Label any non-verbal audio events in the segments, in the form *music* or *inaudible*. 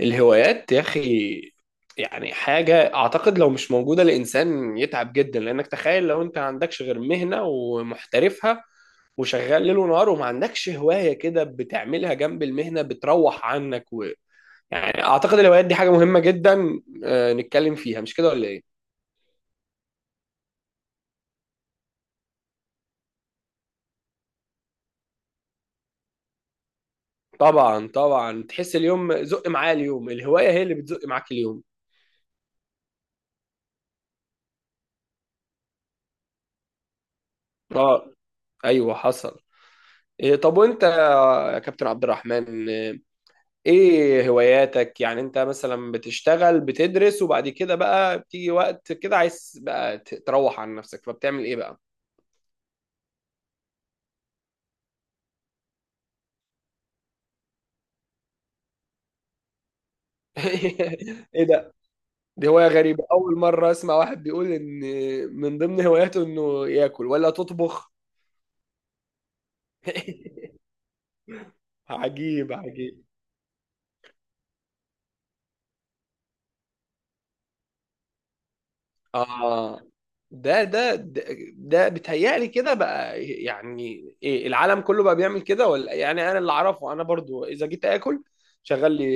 الهوايات يا أخي، يعني حاجة أعتقد لو مش موجودة الإنسان يتعب جدا، لأنك تخيل لو أنت ما عندكش غير مهنة ومحترفها وشغال ليل ونهار وما عندكش هواية كده بتعملها جنب المهنة بتروح عنك يعني أعتقد الهوايات دي حاجة مهمة جدا، نتكلم فيها مش كده ولا إيه؟ طبعا طبعا، تحس اليوم زق معايا، اليوم الهواية هي اللي بتزق معاك اليوم. اه. ايوه، حصل. إيه، طب وانت يا كابتن عبد الرحمن، ايه هواياتك؟ يعني انت مثلا بتشتغل بتدرس وبعد كده بقى بتيجي وقت كده عايز بقى تروح عن نفسك فبتعمل ايه بقى؟ *laughs* ايه ده؟ دي هواية غريبة، اول مرة اسمع واحد بيقول ان من ضمن هواياته انه ياكل. ولا تطبخ؟ *laughs* عجيب عجيب. اه. ده ده ده, ده بيتهيألي كده بقى، يعني ايه، العالم كله بقى بيعمل كده ولا؟ يعني انا اللي اعرفه، انا برضو اذا جيت اكل شغال لي،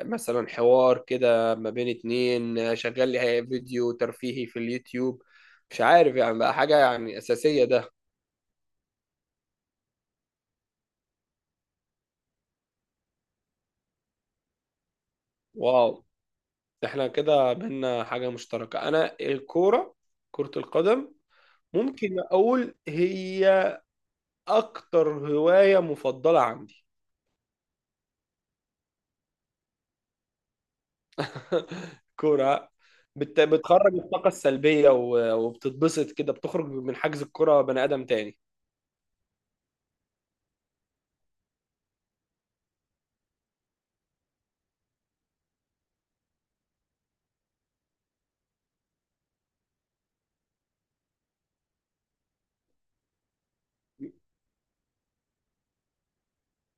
مثلا حوار كده ما بين اتنين، شغال لي فيديو ترفيهي في اليوتيوب. مش عارف، يعني بقى حاجة يعني أساسية ده. واو، ده احنا كده بينا حاجة مشتركة، انا الكورة، كرة القدم، ممكن اقول هي اكتر هواية مفضلة عندي. *laughs* كورة. بتخرج الطاقة السلبية وبتتبسط كده، بتخرج من حجز الكرة بني آدم تاني.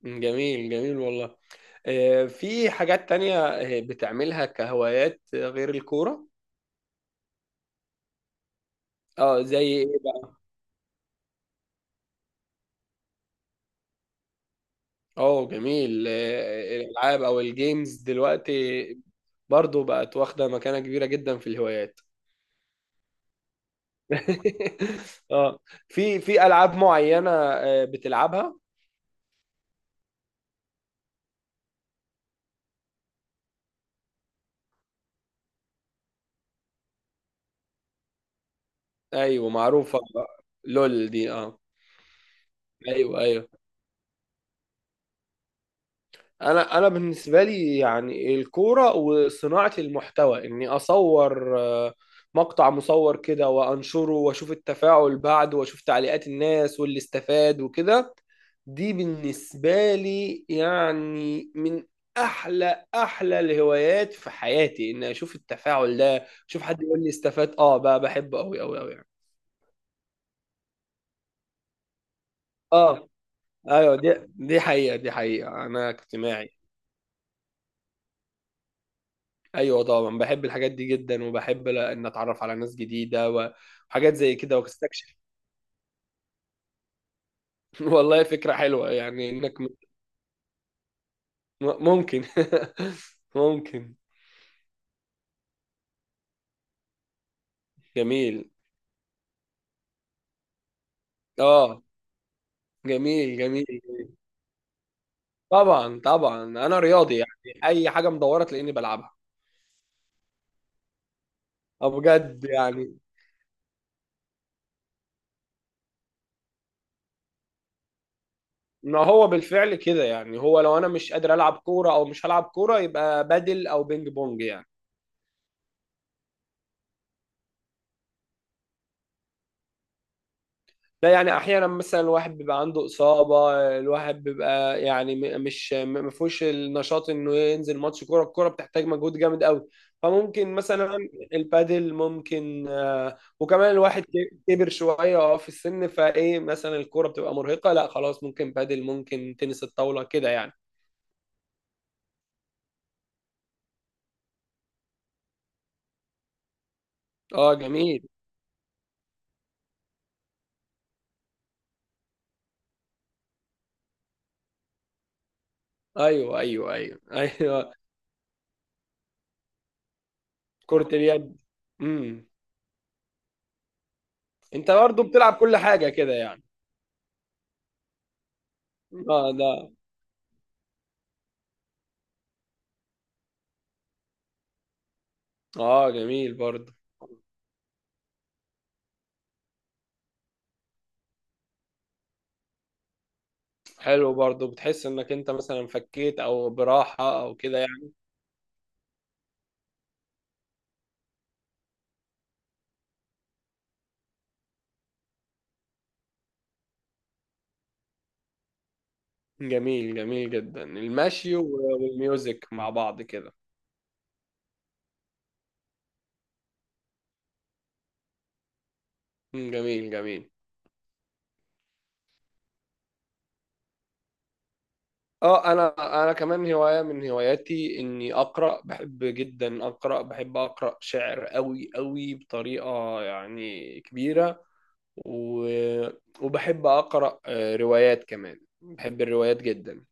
جميل جميل والله. في حاجات تانية بتعملها كهوايات غير الكورة؟ اه زي ايه بقى؟ اه جميل، الالعاب او الجيمز دلوقتي برضو بقت واخدة مكانة كبيرة جدا في الهوايات. *laughs* اه، في العاب معينة بتلعبها؟ ايوه معروفة. لول دي اه. ايوه ايوه. انا بالنسبه لي يعني الكوره وصناعه المحتوى، اني اصور مقطع مصور كده وانشره واشوف التفاعل بعده واشوف تعليقات الناس واللي استفاد وكده. دي بالنسبه لي يعني من احلى احلى الهوايات في حياتي، اني اشوف التفاعل ده، اشوف حد يقول لي استفاد. اه بقى بحبه قوي قوي قوي يعني. اه ايوه، دي حقيقه، دي حقيقه، انا اجتماعي. ايوه طبعا، بحب الحاجات دي جدا، وبحب ان اتعرف على ناس جديده وحاجات زي كده واستكشف. *laughs* والله فكره حلوه، يعني انك ممكن. *laughs* ممكن. جميل. اه جميل جميل. طبعا طبعا، انا رياضي يعني، اي حاجه مدوره تلاقيني بلعبها. اه بجد يعني. ما هو بالفعل كده يعني، هو لو انا مش قادر العب كوره او مش هلعب كوره يبقى بدل او بينج بونج يعني. لا يعني احيانا مثلا الواحد بيبقى عنده اصابه، الواحد بيبقى يعني مش ما فيهوش النشاط انه ينزل ماتش كوره، الكوره بتحتاج مجهود جامد قوي، فممكن مثلا البادل ممكن، وكمان الواحد كبر شويه في السن، فايه مثلا الكوره بتبقى مرهقه، لا خلاص، ممكن بادل، ممكن تنس الطاوله كده يعني. اه جميل. ايوه ايوه ايوه *laughs* ايوه. كرة اليد. امم. انت برضه بتلعب كل حاجه كده يعني. اه ده. اه جميل برضه. حلو برضه، بتحس انك انت مثلا فكيت او براحة او كده يعني. جميل جميل جدا المشي والميوزك مع بعض كده. مم، جميل جميل. اه، انا كمان هواية من هواياتي اني اقرأ، بحب جدا اقرأ، بحب اقرأ شعر قوي قوي بطريقة يعني كبيرة، و... وبحب اقرأ روايات كمان، بحب الروايات جدا.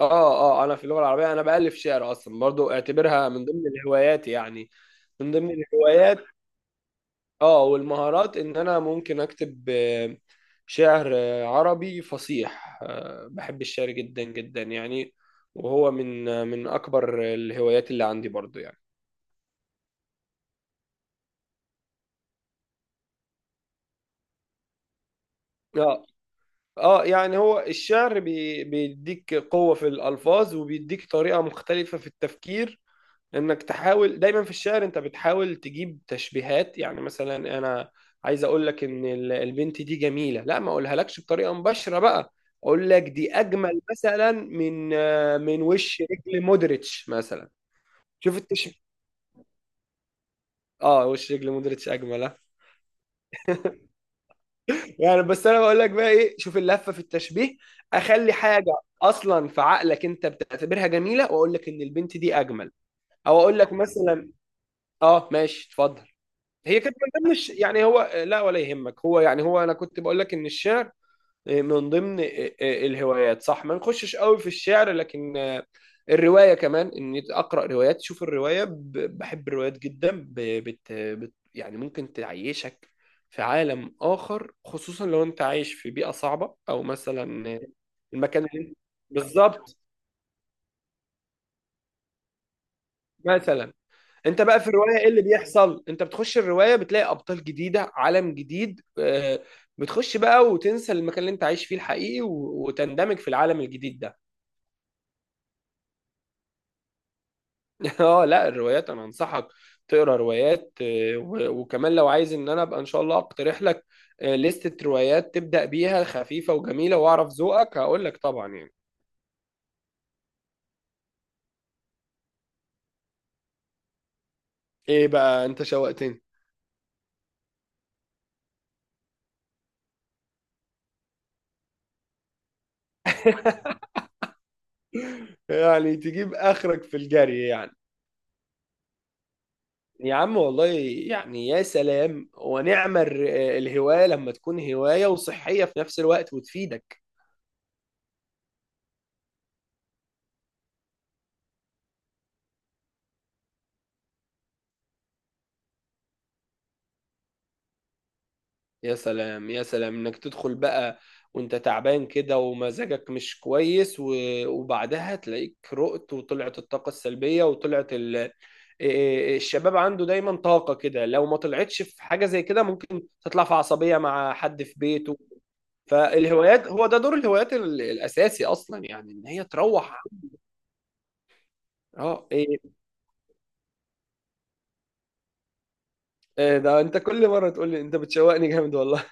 اه اه، انا في اللغه العربيه انا بالف شعر اصلا، برضو اعتبرها من ضمن الهوايات يعني. من ضمن الهوايات، اه، والمهارات ان انا ممكن اكتب شعر عربي فصيح، بحب الشعر جدا جدا يعني، وهو من من اكبر الهوايات اللي عندي برضو يعني. اه اه، يعني هو الشعر بيديك قوة في الألفاظ، وبيديك طريقة مختلفة في التفكير، انك تحاول دايما في الشعر، انت بتحاول تجيب تشبيهات، يعني مثلا انا عايز اقول لك ان البنت دي جميله، لا ما اقولها لكش بطريقه مباشره بقى، اقول لك دي اجمل مثلا من من وش رجل مودريتش مثلا. شوف التشبيه. اه، وش رجل مودريتش اجمل. يعني بس انا بقول لك بقى ايه، شوف اللفه في التشبيه، اخلي حاجه اصلا في عقلك، انت بتعتبرها جميله، واقول لك ان البنت دي اجمل، او اقول لك مثلا. اه ماشي اتفضل. هي كانت من ضمن يعني هو لا ولا يهمك، هو يعني هو انا كنت بقول لك ان الشعر من ضمن الهوايات، صح، ما نخشش قوي في الشعر، لكن الروايه كمان اني اقرا روايات، شوف الروايه بحب الروايات جدا، يعني ممكن تعيشك في عالم اخر، خصوصا لو انت عايش في بيئه صعبه او مثلا المكان اللي بالظبط، مثلا انت بقى في الروايه ايه اللي بيحصل، انت بتخش الروايه بتلاقي ابطال جديده عالم جديد، بتخش بقى وتنسى المكان اللي انت عايش فيه الحقيقي وتندمج في العالم الجديد ده. *laughs* اه لا، الروايات، انا انصحك تقرا روايات، وكمان لو عايز ان انا ابقى ان شاء الله اقترح لك لستة روايات تبدأ بيها خفيفة وجميلة، واعرف ذوقك هقول لك طبعا يعني. ايه بقى؟ انت شوقتني. *laughs* يعني تجيب اخرك في الجري يعني؟ يا عم والله، يعني يا سلام، ونعم الهواية لما تكون هواية وصحية في نفس الوقت وتفيدك. يا سلام يا سلام، انك تدخل بقى وانت تعبان كده ومزاجك مش كويس وبعدها تلاقيك رقت وطلعت الطاقة السلبية وطلعت الشباب عنده دايما طاقة كده، لو ما طلعتش في حاجة زي كده ممكن تطلع في عصبية مع حد في بيته. فالهوايات، هو ده دور الهوايات الأساسي أصلا يعني، إن هي تروح. اه، إيه، ايه ده، انت كل مره تقول لي انت بتشوقني جامد والله.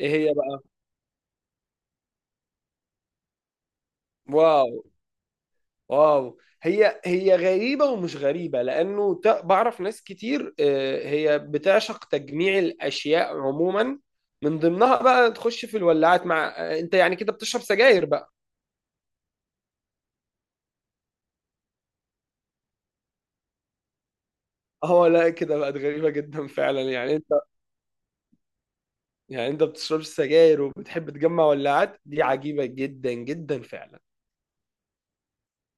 ايه هي بقى؟ واو واو، هي هي غريبه ومش غريبه، لانه بعرف ناس كتير، هي بتعشق تجميع الاشياء عموما، من ضمنها بقى تخش في الولاعات. مع انت يعني كده بتشرب سجاير بقى؟ اه لا، كده بقت غريبه جدا فعلا يعني، انت يعني انت بتشربش سجاير وبتحب تجمع ولاعات، دي عجيبه جدا جدا فعلا.